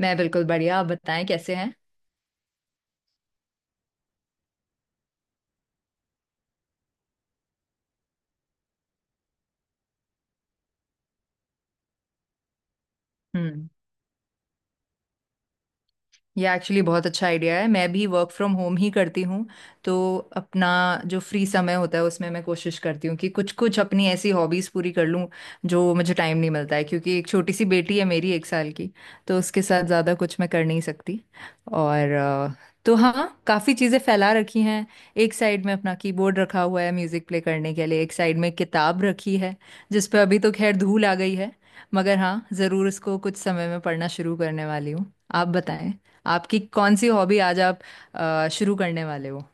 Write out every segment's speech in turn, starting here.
मैं बिल्कुल बढ़िया। आप बताएं कैसे हैं। हम्म। ये एक्चुअली बहुत अच्छा आइडिया है। मैं भी वर्क फ्रॉम होम ही करती हूँ तो अपना जो फ्री समय होता है उसमें मैं कोशिश करती हूँ कि कुछ कुछ अपनी ऐसी हॉबीज़ पूरी कर लूँ जो मुझे टाइम नहीं मिलता है, क्योंकि एक छोटी सी बेटी है मेरी, 1 साल की। तो उसके साथ ज़्यादा कुछ मैं कर नहीं सकती। और तो हाँ, काफ़ी चीज़ें फैला रखी हैं। एक साइड में अपना कीबोर्ड रखा हुआ है म्यूज़िक प्ले करने के लिए, एक साइड में किताब रखी है जिस पे अभी तो खैर धूल आ गई है, मगर हाँ ज़रूर उसको कुछ समय में पढ़ना शुरू करने वाली हूँ। आप बताएं आपकी कौन सी हॉबी आज आप शुरू करने वाले हो।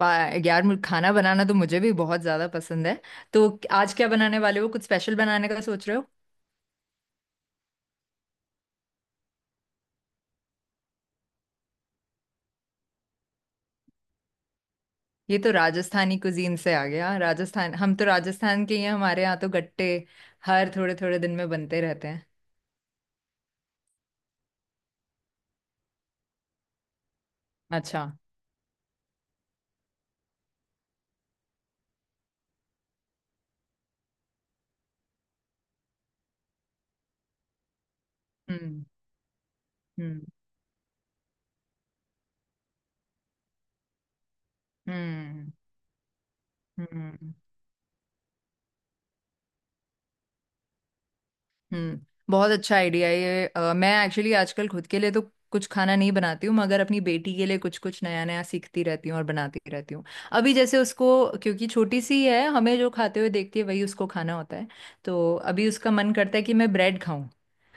यार, मुझे खाना बनाना तो मुझे भी बहुत ज्यादा पसंद है। तो आज क्या बनाने वाले हो, कुछ स्पेशल बनाने का सोच रहे हो? ये तो राजस्थानी कुजीन से आ गया। राजस्थान, हम तो राजस्थान के ही हैं। हमारे यहाँ तो गट्टे हर थोड़े थोड़े दिन में बनते रहते हैं। अच्छा। हम्म हम्म हम्म हम्म हम्म। बहुत अच्छा आइडिया है ये। मैं एक्चुअली आजकल खुद के लिए तो कुछ खाना नहीं बनाती हूँ, मगर अपनी बेटी के लिए कुछ कुछ नया नया सीखती रहती हूँ और बनाती रहती हूँ। अभी जैसे उसको, क्योंकि छोटी सी है, हमें जो खाते हुए देखती है वही उसको खाना होता है। तो अभी उसका मन करता है कि मैं ब्रेड खाऊं।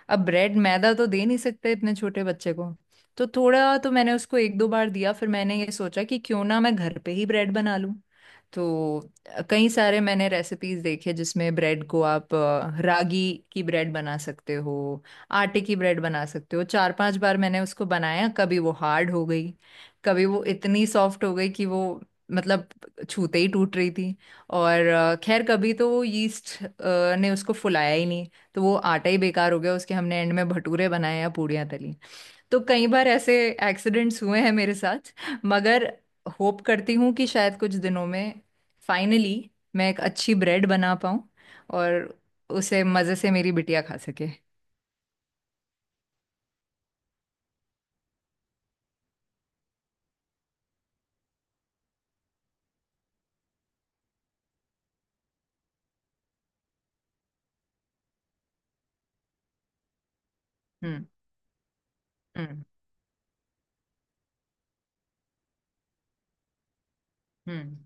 अब ब्रेड मैदा तो दे नहीं सकते इतने छोटे बच्चे को, तो थोड़ा तो मैंने उसको एक दो बार दिया, फिर मैंने ये सोचा कि क्यों ना मैं घर पे ही ब्रेड बना लूं। तो कई सारे मैंने रेसिपीज देखे जिसमें ब्रेड को आप रागी की ब्रेड बना सकते हो, आटे की ब्रेड बना सकते हो। चार पांच बार मैंने उसको बनाया। कभी वो हार्ड हो गई, कभी वो इतनी सॉफ्ट हो गई कि वो मतलब छूते ही टूट रही थी। और खैर कभी तो वो यीस्ट ने उसको फुलाया ही नहीं, तो वो आटा ही बेकार हो गया, उसके हमने एंड में भटूरे बनाए या पूड़ियाँ तली। तो कई बार ऐसे एक्सीडेंट्स हुए हैं मेरे साथ। मगर होप करती हूँ कि शायद कुछ दिनों में फाइनली मैं एक अच्छी ब्रेड बना पाऊँ और उसे मज़े से मेरी बिटिया खा सके। हम्म हम्म हम्म।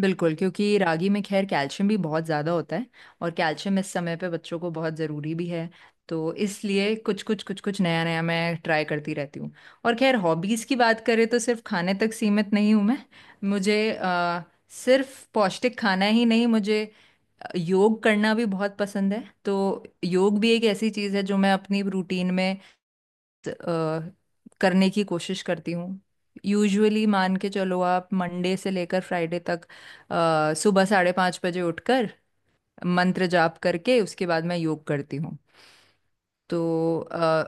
बिल्कुल, क्योंकि रागी में खैर कैल्शियम भी बहुत ज़्यादा होता है, और कैल्शियम इस समय पे बच्चों को बहुत ज़रूरी भी है। तो इसलिए कुछ कुछ नया नया मैं ट्राई करती रहती हूँ। और खैर हॉबीज़ की बात करें तो सिर्फ खाने तक सीमित नहीं हूँ मैं। मुझे सिर्फ पौष्टिक खाना ही नहीं, मुझे योग करना भी बहुत पसंद है। तो योग भी एक ऐसी चीज़ है जो मैं अपनी रूटीन में अ, करने की कोशिश करती हूँ। यूजुअली मान के चलो आप मंडे से लेकर फ्राइडे तक सुबह 5:30 बजे उठकर मंत्र जाप करके उसके बाद मैं योग करती हूँ। तो अ,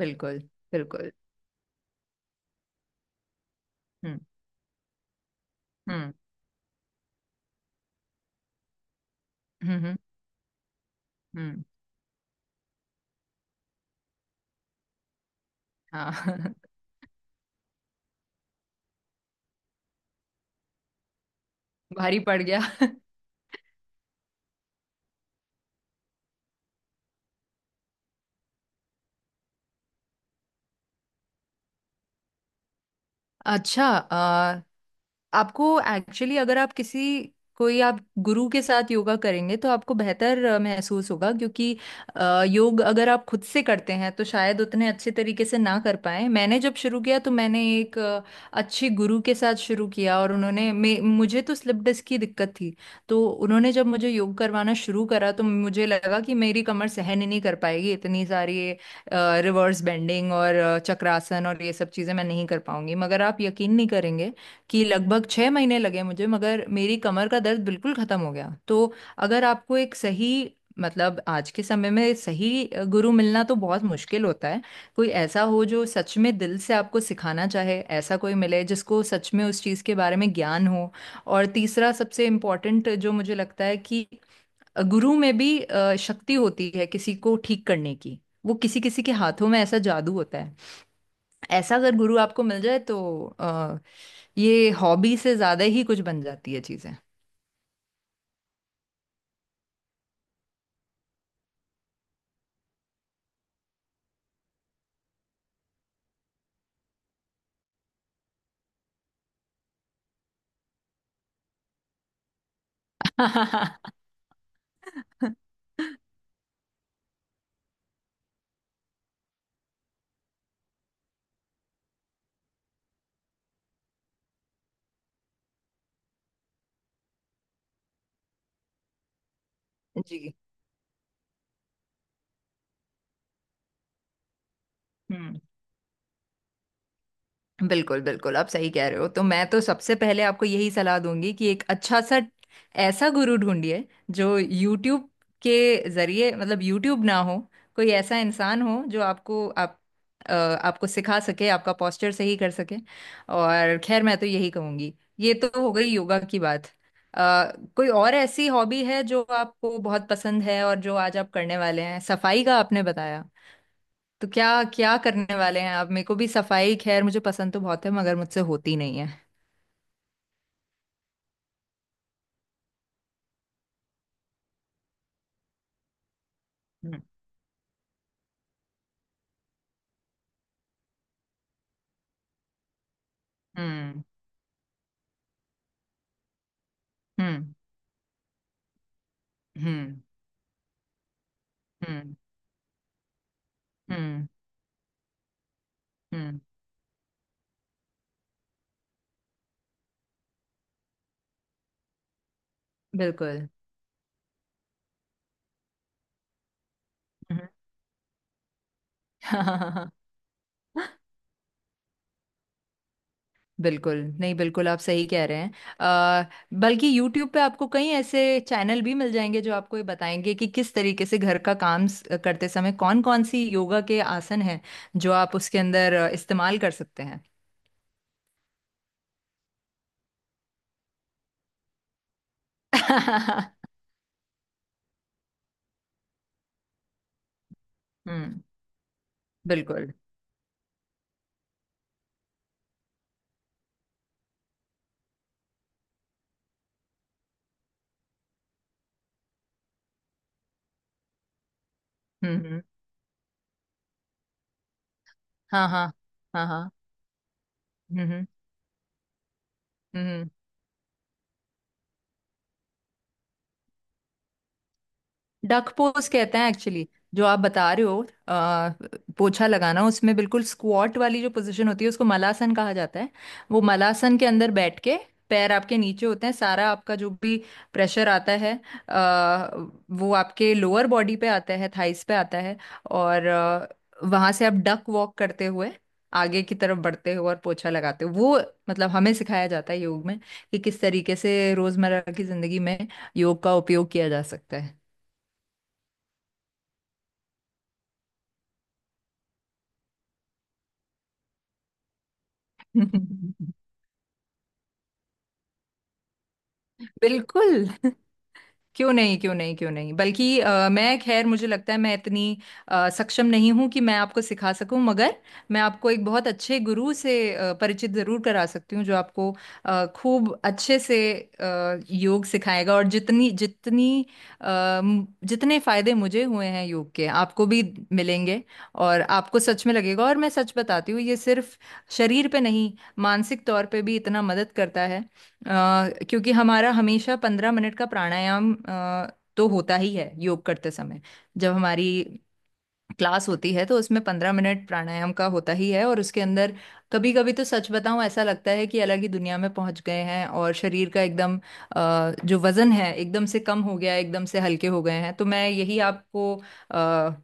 बिल्कुल बिल्कुल। हम्म हम्म हम्म हम्म हम्म, हाँ भारी पड़ गया अच्छा, आपको एक्चुअली अगर आप किसी कोई आप गुरु के साथ योगा करेंगे तो आपको बेहतर महसूस होगा, क्योंकि योग अगर आप खुद से करते हैं तो शायद उतने अच्छे तरीके से ना कर पाए। मैंने जब शुरू किया तो मैंने एक अच्छे गुरु के साथ शुरू किया, और उन्होंने मुझे तो स्लिप डिस्क की दिक्कत थी। तो उन्होंने जब मुझे योग करवाना शुरू करा तो मुझे लगा कि मेरी कमर सहन ही नहीं कर पाएगी इतनी सारी रिवर्स बेंडिंग, और चक्रासन और ये सब चीज़ें मैं नहीं कर पाऊंगी। मगर आप यकीन नहीं करेंगे कि लगभग 6 महीने लगे मुझे, मगर मेरी कमर का दर्द बिल्कुल ख़त्म हो गया। तो अगर आपको एक सही मतलब आज के समय में सही गुरु मिलना तो बहुत मुश्किल होता है। कोई ऐसा हो जो सच में दिल से आपको सिखाना चाहे, ऐसा कोई मिले जिसको सच में उस चीज़ के बारे में ज्ञान हो। और तीसरा सबसे इम्पोर्टेंट जो मुझे लगता है कि गुरु में भी शक्ति होती है किसी को ठीक करने की, वो किसी किसी के हाथों में ऐसा जादू होता है। ऐसा अगर गुरु आपको मिल जाए तो ये हॉबी से ज्यादा ही कुछ बन जाती है चीजें। हम्म। जी। हम्म। बिल्कुल बिल्कुल, आप सही कह रहे हो। तो मैं तो सबसे पहले आपको यही सलाह दूंगी कि एक अच्छा सा ऐसा गुरु ढूंढिए जो YouTube के जरिए, मतलब YouTube ना हो, कोई ऐसा इंसान हो जो आपको आप आपको सिखा सके, आपका पोस्चर सही कर सके। और खैर मैं तो यही कहूंगी। ये तो हो गई योगा की बात। कोई और ऐसी हॉबी है जो आपको बहुत पसंद है और जो आज आप करने वाले हैं, सफाई का आपने बताया, तो क्या क्या करने वाले हैं आप? मेरे को भी सफाई खैर मुझे पसंद तो बहुत है, मगर मुझसे होती नहीं है। हम्म हम्म हम्म हम्म हम्म हम्म हम्म, बिल्कुल। हम्म। बिल्कुल नहीं, बिल्कुल आप सही कह रहे हैं। आ, बल्कि YouTube पे आपको कई ऐसे चैनल भी मिल जाएंगे जो आपको ये बताएंगे कि किस तरीके से घर का काम करते समय कौन कौन सी योगा के आसन हैं जो आप उसके अंदर इस्तेमाल कर सकते हैं। हम्म। बिल्कुल। हम्म हम्म, हाँ हाँ। हाँ हाँ। हम्म हम्म। डक पोज कहते हैं एक्चुअली जो आप बता रहे हो। पोछा लगाना उसमें बिल्कुल स्क्वाट वाली जो पोजीशन होती है उसको मलासन कहा जाता है। वो मलासन के अंदर बैठ के पैर आपके नीचे होते हैं, सारा आपका जो भी प्रेशर आता है आ, वो आपके लोअर बॉडी पे आता है, थाइस पे आता है। और वहां से आप डक वॉक करते हुए आगे की तरफ बढ़ते हो और पोछा लगाते हो वो, मतलब हमें सिखाया जाता है योग में कि किस तरीके से रोजमर्रा की जिंदगी में योग का उपयोग किया जा सकता है। बिल्कुल, क्यों नहीं क्यों नहीं क्यों नहीं। बल्कि मैं खैर मुझे लगता है मैं इतनी सक्षम नहीं हूं कि मैं आपको सिखा सकूं, मगर मैं आपको एक बहुत अच्छे गुरु से परिचित जरूर करा सकती हूँ जो आपको खूब अच्छे से योग सिखाएगा। और जितनी जितनी अ, जितने फायदे मुझे हुए हैं योग के आपको भी मिलेंगे। और आपको सच में लगेगा, और मैं सच बताती हूँ ये सिर्फ शरीर पे नहीं, मानसिक तौर पे भी इतना मदद करता है। क्योंकि हमारा हमेशा 15 मिनट का प्राणायाम तो होता ही है योग करते समय। जब हमारी क्लास होती है तो उसमें 15 मिनट प्राणायाम का होता ही है, और उसके अंदर कभी कभी तो सच बताऊं ऐसा लगता है कि अलग ही दुनिया में पहुंच गए हैं और शरीर का एकदम जो वजन है एकदम से कम हो गया है, एकदम से हल्के हो गए हैं। तो मैं यही आपको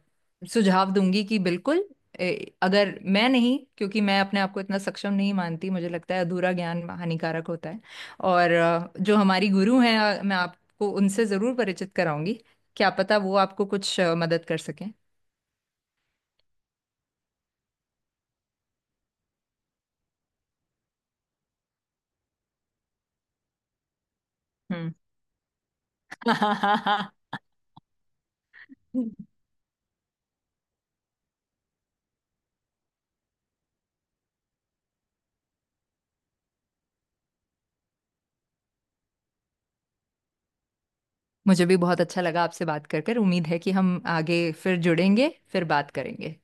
सुझाव दूंगी कि बिल्कुल अगर मैं नहीं, क्योंकि मैं अपने आप को इतना सक्षम नहीं मानती, मुझे लगता है अधूरा ज्ञान हानिकारक होता है। और जो हमारी गुरु हैं मैं आपको उनसे ज़रूर परिचित कराऊंगी। क्या पता वो आपको कुछ मदद कर सकें। हम्म। मुझे भी बहुत अच्छा लगा आपसे बात कर कर। उम्मीद है कि हम आगे फिर जुड़ेंगे, फिर बात करेंगे।